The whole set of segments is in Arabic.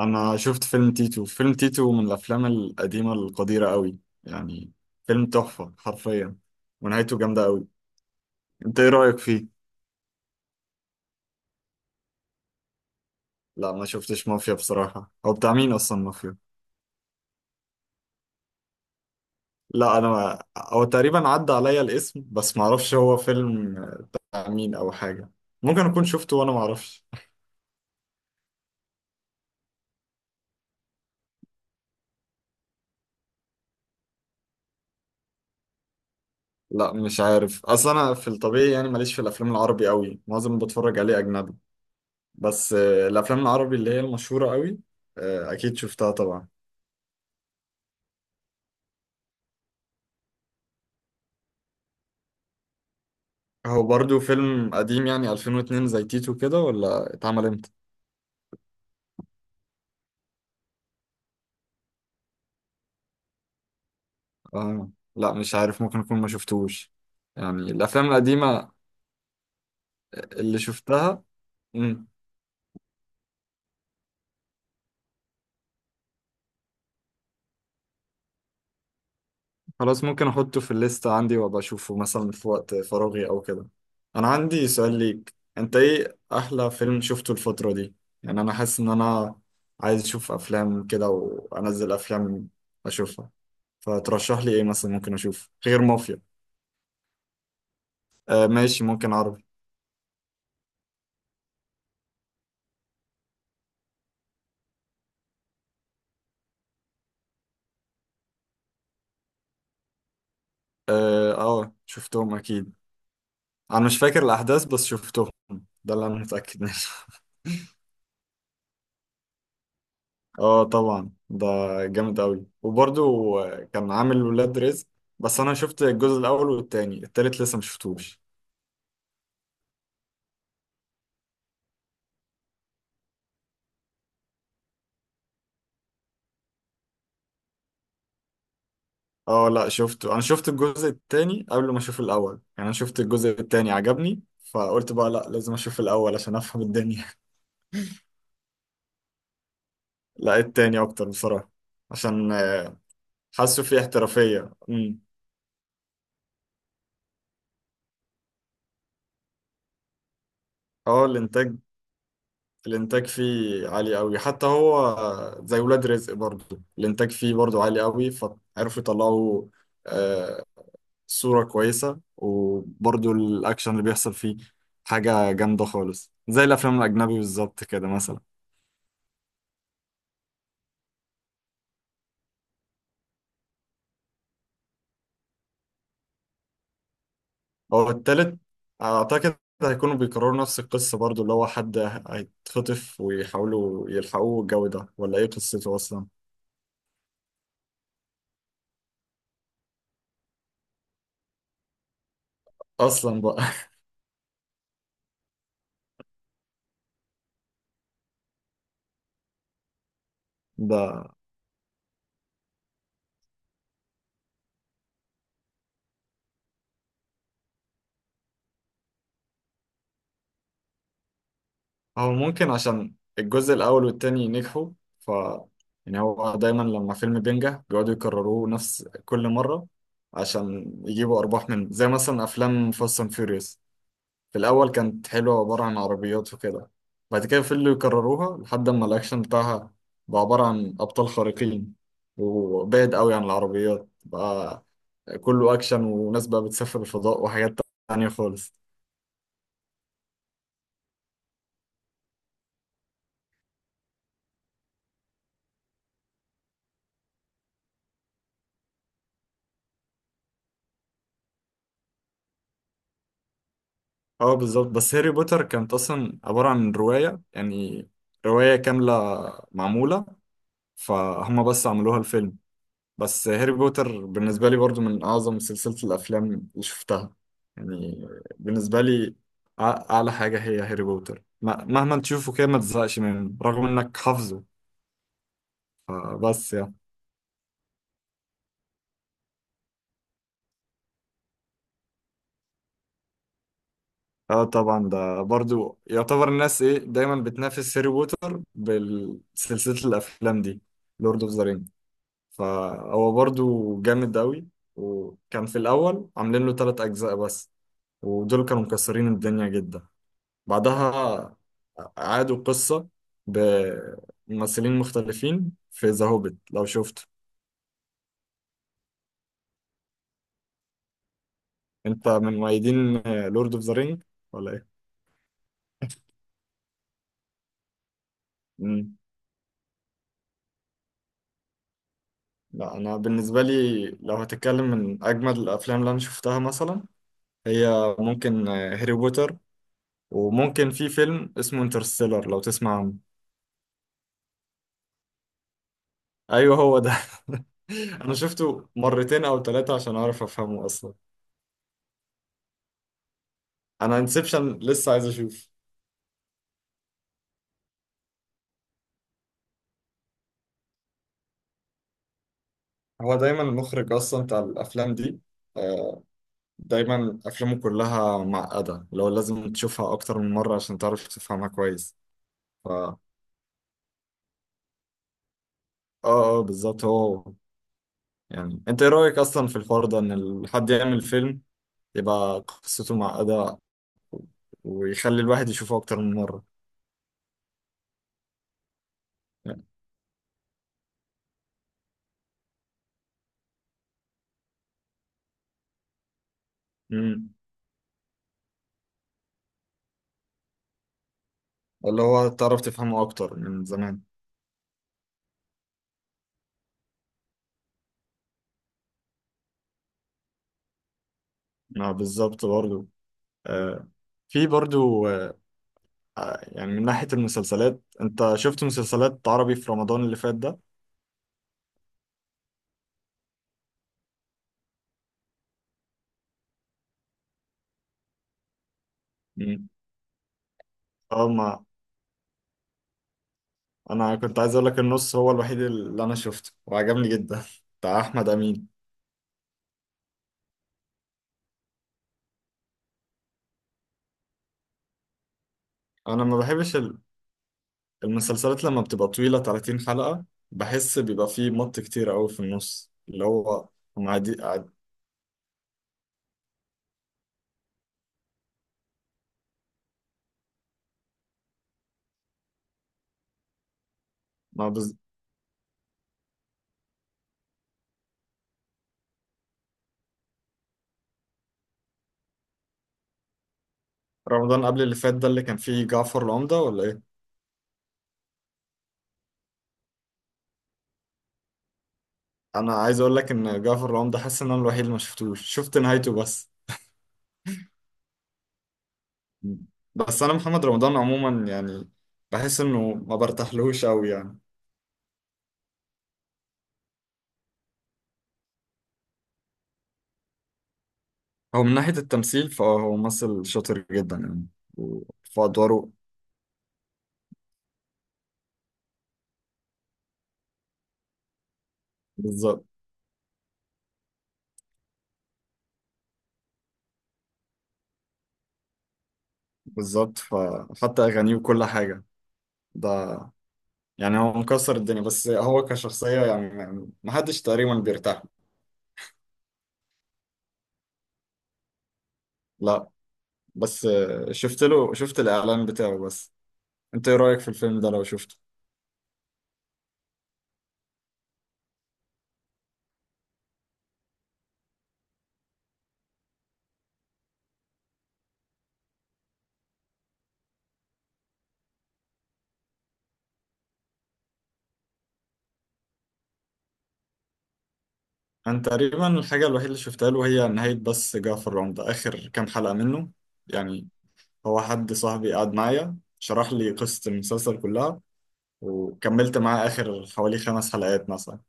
انا شفت فيلم تيتو. فيلم تيتو من الافلام القديمه القديره قوي، يعني فيلم تحفه حرفيا، ونهايته جامده قوي. انت ايه رايك فيه؟ لا ما شفتش مافيا بصراحه، هو بتاع مين اصلا مافيا؟ لا انا ما... هو تقريبا عدى عليا الاسم بس ما اعرفش هو فيلم بتاع مين او حاجه، ممكن اكون شفته وانا ما اعرفش. لا مش عارف، اصل انا في الطبيعي يعني ماليش في الافلام العربي قوي، معظم اللي بتفرج عليه اجنبي. بس الافلام العربي اللي هي المشهوره قوي، اكيد شفتها طبعا. هو برضو فيلم قديم يعني 2002 زي تيتو كده ولا اتعمل امتى؟ آه. لا مش عارف، ممكن اكون ما شفتوش، يعني الافلام القديمة اللي شفتها. مم. خلاص ممكن احطه في الليستة عندي وابقى اشوفه مثلا في وقت فراغي او كده. انا عندي سؤال ليك، انت ايه احلى فيلم شفته الفترة دي؟ يعني انا حاسس ان انا عايز اشوف افلام كده، وانزل افلام اشوفها. فترشح لي ايه مثلا ممكن اشوف غير مافيا؟ آه ماشي، ممكن عربي. اه شفتهم اكيد. انا مش فاكر الاحداث بس شفتهم، ده اللي انا متاكد منه. اه طبعا ده جامد قوي. وبرضو كان عامل ولاد رزق، بس انا شفت الجزء الاول والتاني، التالت لسه ما شفتوش. اه لا شفته، انا شفت الجزء التاني قبل ما اشوف الاول، يعني انا شفت الجزء التاني عجبني، فقلت بقى لا لازم اشوف الاول عشان افهم الدنيا. لا التاني اكتر بصراحه، عشان حاسه فيه احترافيه اه الانتاج. الانتاج فيه عالي قوي حتى هو، زي ولاد رزق برضو الانتاج فيه برضو عالي قوي، فعرفوا يطلعوا آه، صورة كويسة، وبرضو الاكشن اللي بيحصل فيه حاجة جامدة خالص زي الافلام الاجنبي بالظبط كده مثلا. هو التالت اعتقد هيكونوا بيكرروا نفس القصة برضو، اللي هو حد هيتخطف ويحاولوا يلحقوه، الجو ده ولا ايه قصته اصلا؟ اصلا بقى ده هو ممكن عشان الجزء الأول والتاني نجحوا، ف يعني هو دايما لما فيلم بينجح بيقعدوا يكرروه نفس كل مرة عشان يجيبوا أرباح منه. زي مثلا أفلام فاست أند فيوريوس، في الأول كانت حلوة عبارة عن عربيات وكده، بعد كده فضلوا يكرروها لحد ما الأكشن بتاعها بقى عبارة عن أبطال خارقين، وبعد قوي عن العربيات بقى كله أكشن، وناس بقى بتسافر الفضاء وحاجات تانية خالص. اه بالظبط، بس هاري بوتر كانت اصلا عبارة عن رواية يعني، رواية كاملة معمولة، فهم بس عملوها الفيلم. بس هاري بوتر بالنسبة لي برضو من اعظم سلسلة الافلام اللي شفتها، يعني بالنسبة لي أع- اعلى حاجة هي هاري بوتر، مهما تشوفه كده ما تزهقش منه رغم انك حافظه. فبس يعني اه طبعا ده برضو يعتبر، الناس ايه دايما بتنافس هاري بوتر بسلسلة الافلام دي، لورد اوف ذا. فهو برضو جامد أوي، وكان في الأول عاملين له تلات أجزاء بس، ودول كانوا مكسرين الدنيا جدا. بعدها عادوا القصة بممثلين مختلفين في ذا هوبيت لو شفته. أنت من مؤيدين لورد أوف ذا رينج ولا إيه؟ مم. لا أنا بالنسبة لي لو هتتكلم من أجمد الأفلام اللي أنا شفتها مثلا، هي ممكن هاري بوتر، وممكن في فيلم اسمه انترستيلر لو تسمع عنه. ايوه هو ده. انا شفته مرتين او ثلاثة عشان اعرف افهمه اصلا. انا انسبشن لسه عايز اشوف. هو دايما المخرج اصلا بتاع الافلام دي، آه، دايما افلامه كلها معقدة، لو لازم تشوفها اكتر من مرة عشان تعرف تفهمها كويس. ف اه اه بالظبط هو. يعني انت ايه رأيك اصلا في الحوار ده، ان حد يعمل فيلم يبقى قصته معقدة ويخلي الواحد يشوفه اكتر من مرة؟ يعني- مم. اللي هو تعرف تفهمه اكتر من زمان. ما بالظبط برضو، آه، في برضو يعني من ناحية المسلسلات، انت شفت مسلسلات عربي في رمضان اللي فات ده؟ مم. اه ما انا كنت عايز اقول لك النص هو الوحيد اللي انا شفته وعجبني جدا بتاع احمد امين. انا ما بحبش المسلسلات لما بتبقى طويلة 30 حلقة، بحس بيبقى فيه مط كتير قوي في النص اللي هو، مع دي مع بز... رمضان قبل اللي فات ده اللي كان فيه جعفر العمدة ولا ايه؟ انا عايز اقول لك ان جعفر العمدة حاسس ان انا الوحيد اللي ما شفتوش، شفت نهايته بس. بس انا محمد رمضان عموما يعني بحس انه ما برتاحلوش قوي يعني. هو من ناحية التمثيل فهو ممثل شاطر جدا يعني، في ادواره بالظبط. بالظبط، فحتى اغانيه وكل حاجة ده، يعني هو مكسر الدنيا، بس هو كشخصية يعني ما ما حدش تقريبا بيرتاح له. لا بس شفت الاعلان بتاعه بس. انت ايه رأيك في الفيلم ده لو شفته؟ انا تقريبا الحاجة الوحيدة اللي شفتها له هي نهاية بس جعفر العمدة، اخر كام حلقة منه يعني، هو حد صاحبي قعد معايا شرح لي قصة المسلسل كلها، وكملت معاه آخر حوالي 5 حلقات مثلا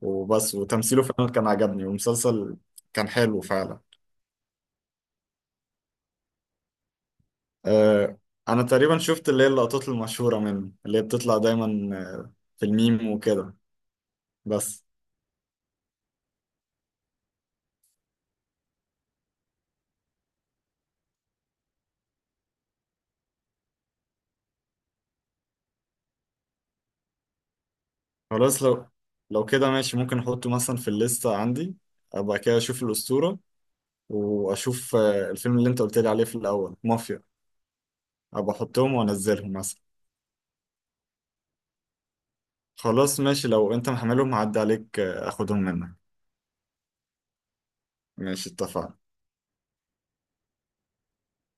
وبس، وتمثيله فعلا كان عجبني والمسلسل كان حلو فعلا. آه أنا تقريبا شفت اللي هي اللقطات المشهورة منه اللي هي بتطلع دايما في الميم وكده بس. خلاص لو لو كده ماشي، ممكن أحطه مثلا في الليستة عندي، أبقى كده أشوف الأسطورة، وأشوف الفيلم اللي أنت قلت لي عليه في الأول، مافيا. أبقى أحطهم وأنزلهم مثلا. خلاص ماشي، لو انت محملهم هعدي عليك اخدهم منك. ماشي اتفقنا.